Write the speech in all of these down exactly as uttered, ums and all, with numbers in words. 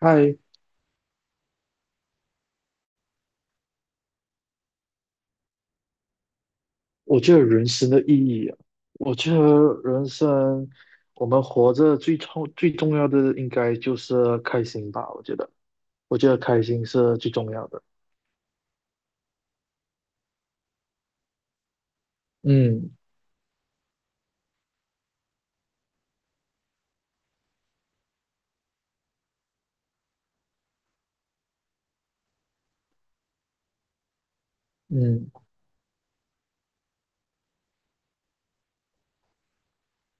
嗨，我觉得人生的意义啊，我觉得人生我们活着最重最重要的应该就是开心吧。我觉得，我觉得开心是最重要的。嗯嗯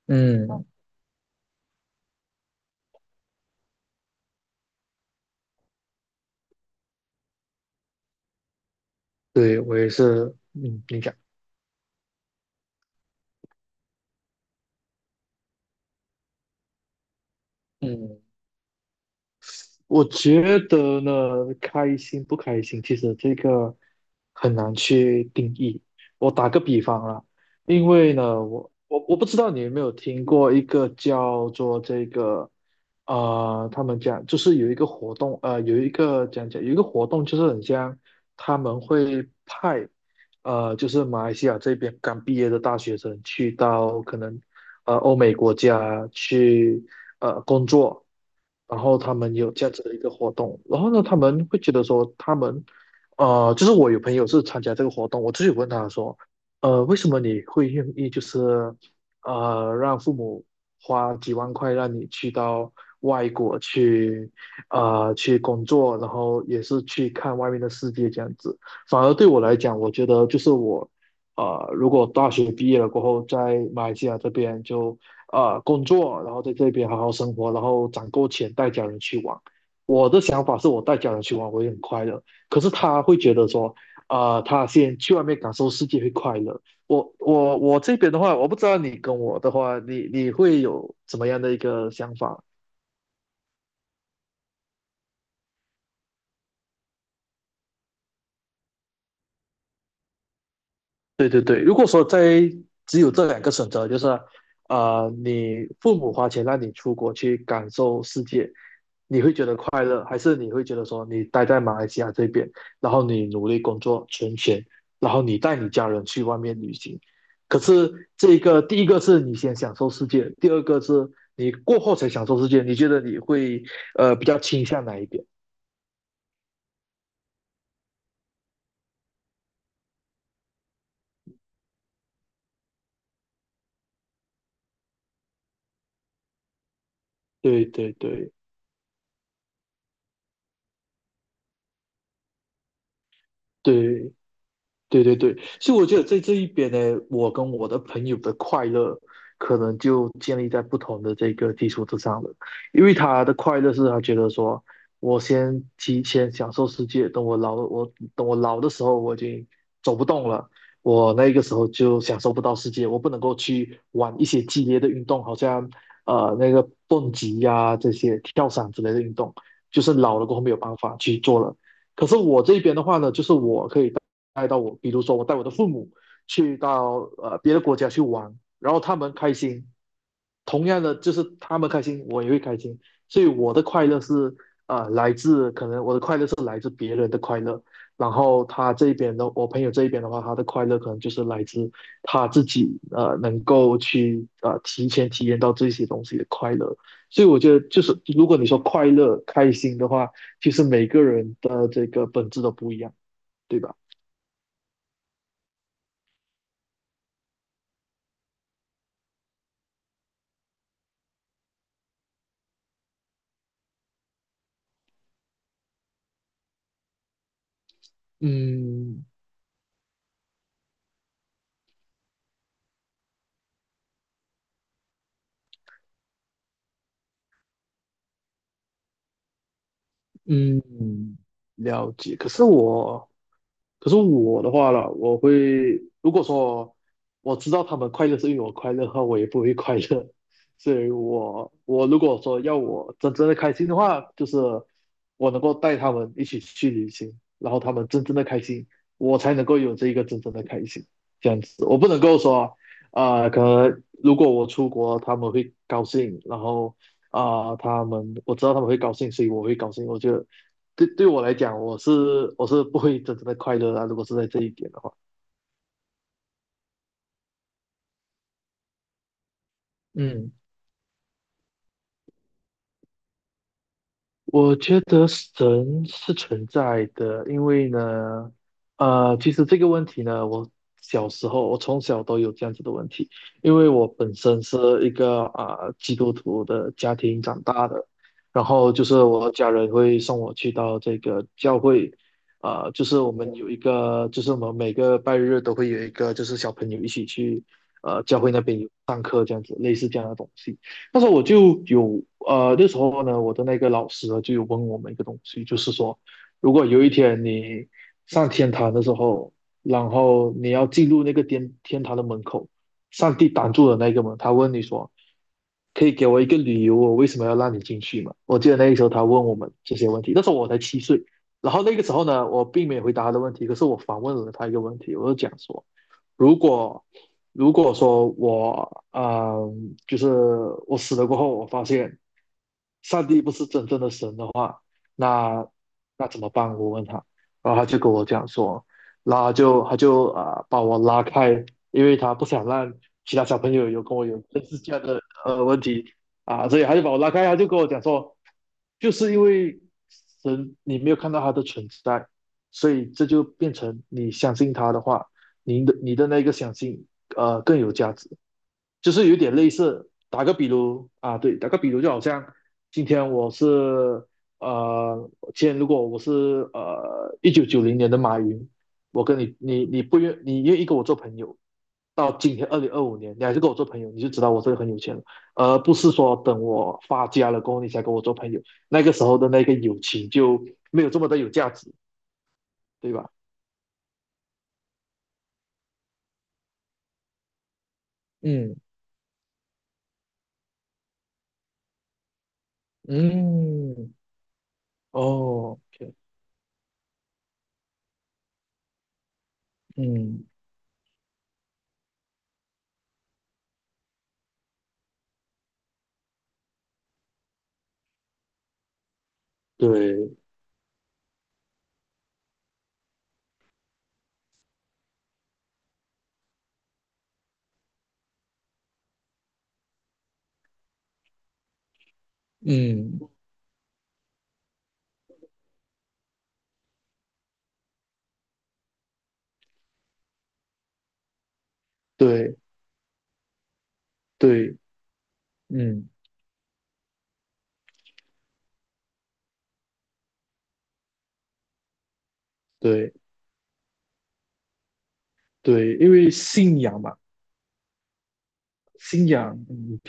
嗯，对，我也是，嗯，你讲。我觉得呢，开心不开心，其实这个很难去定义。我打个比方啊，因为呢，我我我不知道你有没有听过一个叫做这个，呃，他们讲就是有一个活动，呃，有一个讲讲有一个活动，就是很像他们会派，呃，就是马来西亚这边刚毕业的大学生去到可能呃欧美国家去呃工作。然后他们有这样子的一个活动，然后呢，他们会觉得说，他们，呃，就是我有朋友是参加这个活动。我自己问他说，呃，为什么你会愿意，就是，呃，让父母花几万块让你去到外国去，呃，去工作，然后也是去看外面的世界这样子。反而对我来讲，我觉得就是我。呃，如果大学毕业了过后，在马来西亚这边就啊，呃工作，然后在这边好好生活，然后攒够钱带家人去玩。我的想法是我带家人去玩，我也很快乐。可是他会觉得说，啊，呃他先去外面感受世界会快乐。我我我这边的话，我不知道你跟我的话，你你会有怎么样的一个想法？对对对，如果说在只有这两个选择，就是呃，你父母花钱让你出国去感受世界，你会觉得快乐，还是你会觉得说你待在马来西亚这边，然后你努力工作存钱，然后你带你家人去外面旅行？可是这个第一个是你先享受世界，第二个是你过后才享受世界，你觉得你会呃比较倾向哪一边？对对对对。对对对，所以我觉得在这一边呢，我跟我的朋友的快乐可能就建立在不同的这个基础之上了。因为他的快乐是他觉得说，我先提前享受世界，等我老了，我等我老的时候我已经走不动了，我那个时候就享受不到世界，我不能够去玩一些激烈的运动，好像呃那个蹦极呀、这些跳伞之类的运动，就是老了过后没有办法去做了。可是我这边的话呢，就是我可以带到我。比如说我带我的父母去到呃别的国家去玩，然后他们开心。同样的就是他们开心，我也会开心。所以我的快乐是呃来自可能我的快乐是来自别人的快乐。然后他这边的我朋友这一边的话，他的快乐可能就是来自他自己呃能够去呃提前体验到这些东西的快乐。所以我觉得就是如果你说快乐开心的话，其实每个人的这个本质都不一样，对吧？嗯嗯，了解。可是我可是我的话了，我会，如果说我知道他们快乐是因为我快乐的话，我也不会快乐。所以我我如果说要我真正的开心的话，就是我能够带他们一起去旅行，然后他们真正的开心，我才能够有这一个真正的开心。这样子。我不能够说，啊、可能如果我出国，他们会高兴，然后啊、他们我知道他们会高兴，所以我会高兴，我觉得。对对，我来讲，我是我是不会真正的快乐啊，如果是在这一点的话。嗯，我觉得神是存在的。因为呢，呃，其实这个问题呢，我小时候，我从小都有这样子的问题，因为我本身是一个啊呃基督徒的家庭长大的。然后就是我家人会送我去到这个教会。呃，就是我们有一个，就是我们每个拜日都会有一个，就是小朋友一起去，呃，教会那边有上课这样子，类似这样的东西。那时候我就有呃，那时候呢，我的那个老师呢就有问我们一个东西，就是说，如果有一天你上天堂的时候，然后你要进入那个天天堂的门口，上帝挡住了那个门，他问你说，可以给我一个理由，我为什么要让你进去吗？我记得那个时候他问我们这些问题，那时候我才七岁。然后那个时候呢，我并没有回答他的问题，可是我反问了他一个问题，我就讲说，如果，如果说我呃，就是我死了过后，我发现上帝不是真正的神的话，那那怎么办？我问他。然后他就跟我讲说，然后他就他就啊、呃把我拉开，因为他不想让其他小朋友有跟我有类似这样的呃问题啊。所以他就把我拉开，他就跟我讲说，就是因为神你没有看到他的存在，所以这就变成你相信他的话。你的你的那个相信呃更有价值。就是有点类似，打个比如啊，对，打个比如就好像今天我是呃，今天如果我是呃一九九零年的马云，我跟你你你不愿你愿意跟我做朋友，到今天二零二五年你还是跟我做朋友，你就知道我这个很有钱了，而不是说等我发家了过后你才跟我做朋友，那个时候的那个友情就没有这么的有价值，对吧？嗯嗯，哦，OK。嗯，对。嗯，对，对。嗯，对，对。因为信仰嘛，信仰。嗯，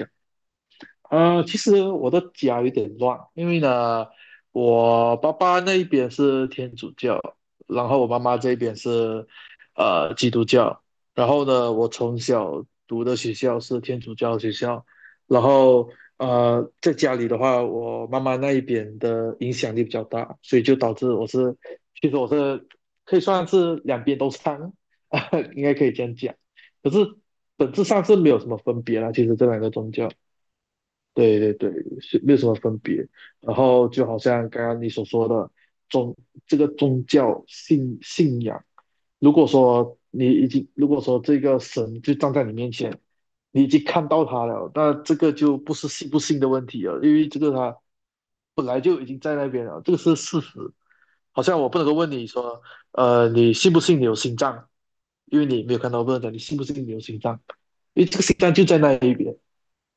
呃，其实我的家有点乱，因为呢，我爸爸那一边是天主教，然后我妈妈这边是呃基督教，然后呢，我从小读的学校是天主教学校。然后呃，在家里的话，我妈妈那一边的影响力比较大，所以就导致我是，其实我是可以算是两边都掺，应该可以这样讲。可是本质上是没有什么分别啦，其实这两个宗教。对对对，是没有什么分别。然后就好像刚刚你所说的宗，这个宗教信信仰，如果说你已经，如果说这个神就站在你面前，你已经看到他了，那这个就不是信不信的问题了，因为这个他本来就已经在那边了，这个是事实。好像我不能够问你说，呃，你信不信你有心脏？因为你没有看到，我不能讲你信不信你有心脏，因为这个心脏就在那一边，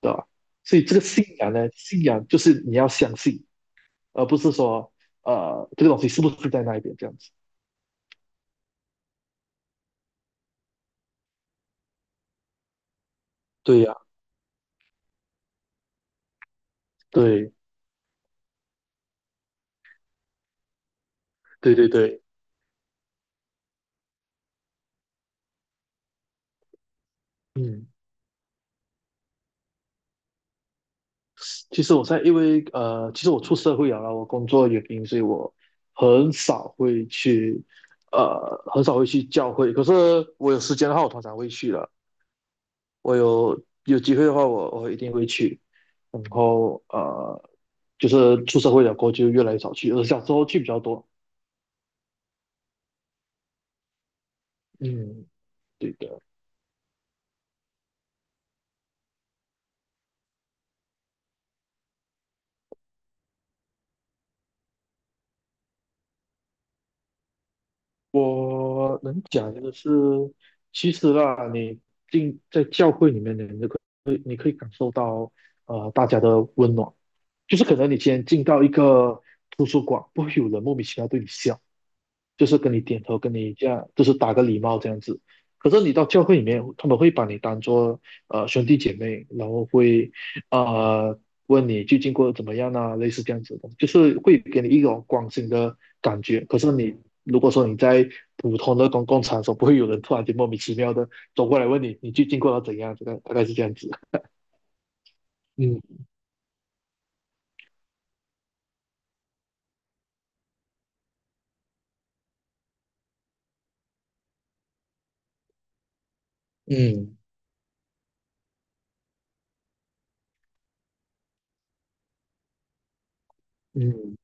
对吧？所以这个信仰呢，信仰就是你要相信，而不是说呃这个东西是不是在那一边这样子。对呀、对对对对。嗯，其实我在因为呃，其实我出社会了啦，我工作的原因，所以我很少会去呃，很少会去教会。可是我有时间的话，我通常会去的。我有有机会的话我，我一定会去。然后呃，就是出社会了过后就越来越少去，而小时候去比较多。嗯，对的。我能讲的是，其实啊，你进在教会里面，你可以你可以感受到呃大家的温暖。就是可能你今天进到一个图书馆，不会有人莫名其妙对你笑，就是跟你点头，跟你这样，就是打个礼貌这样子。可是你到教会里面，他们会把你当做呃兄弟姐妹，然后会呃问你最近过得怎么样啊，类似这样子的，就是会给你一种关心的感觉。可是你，如果说你在普通的公共场所，不会有人突然间莫名其妙的走过来问你，你最近过得怎样？这个大概是这样子。嗯嗯嗯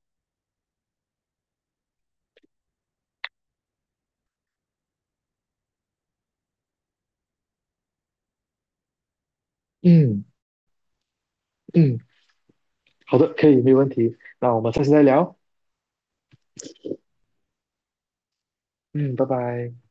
嗯嗯。嗯，好的，可以，没有问题。那我们下次再聊。嗯，拜拜。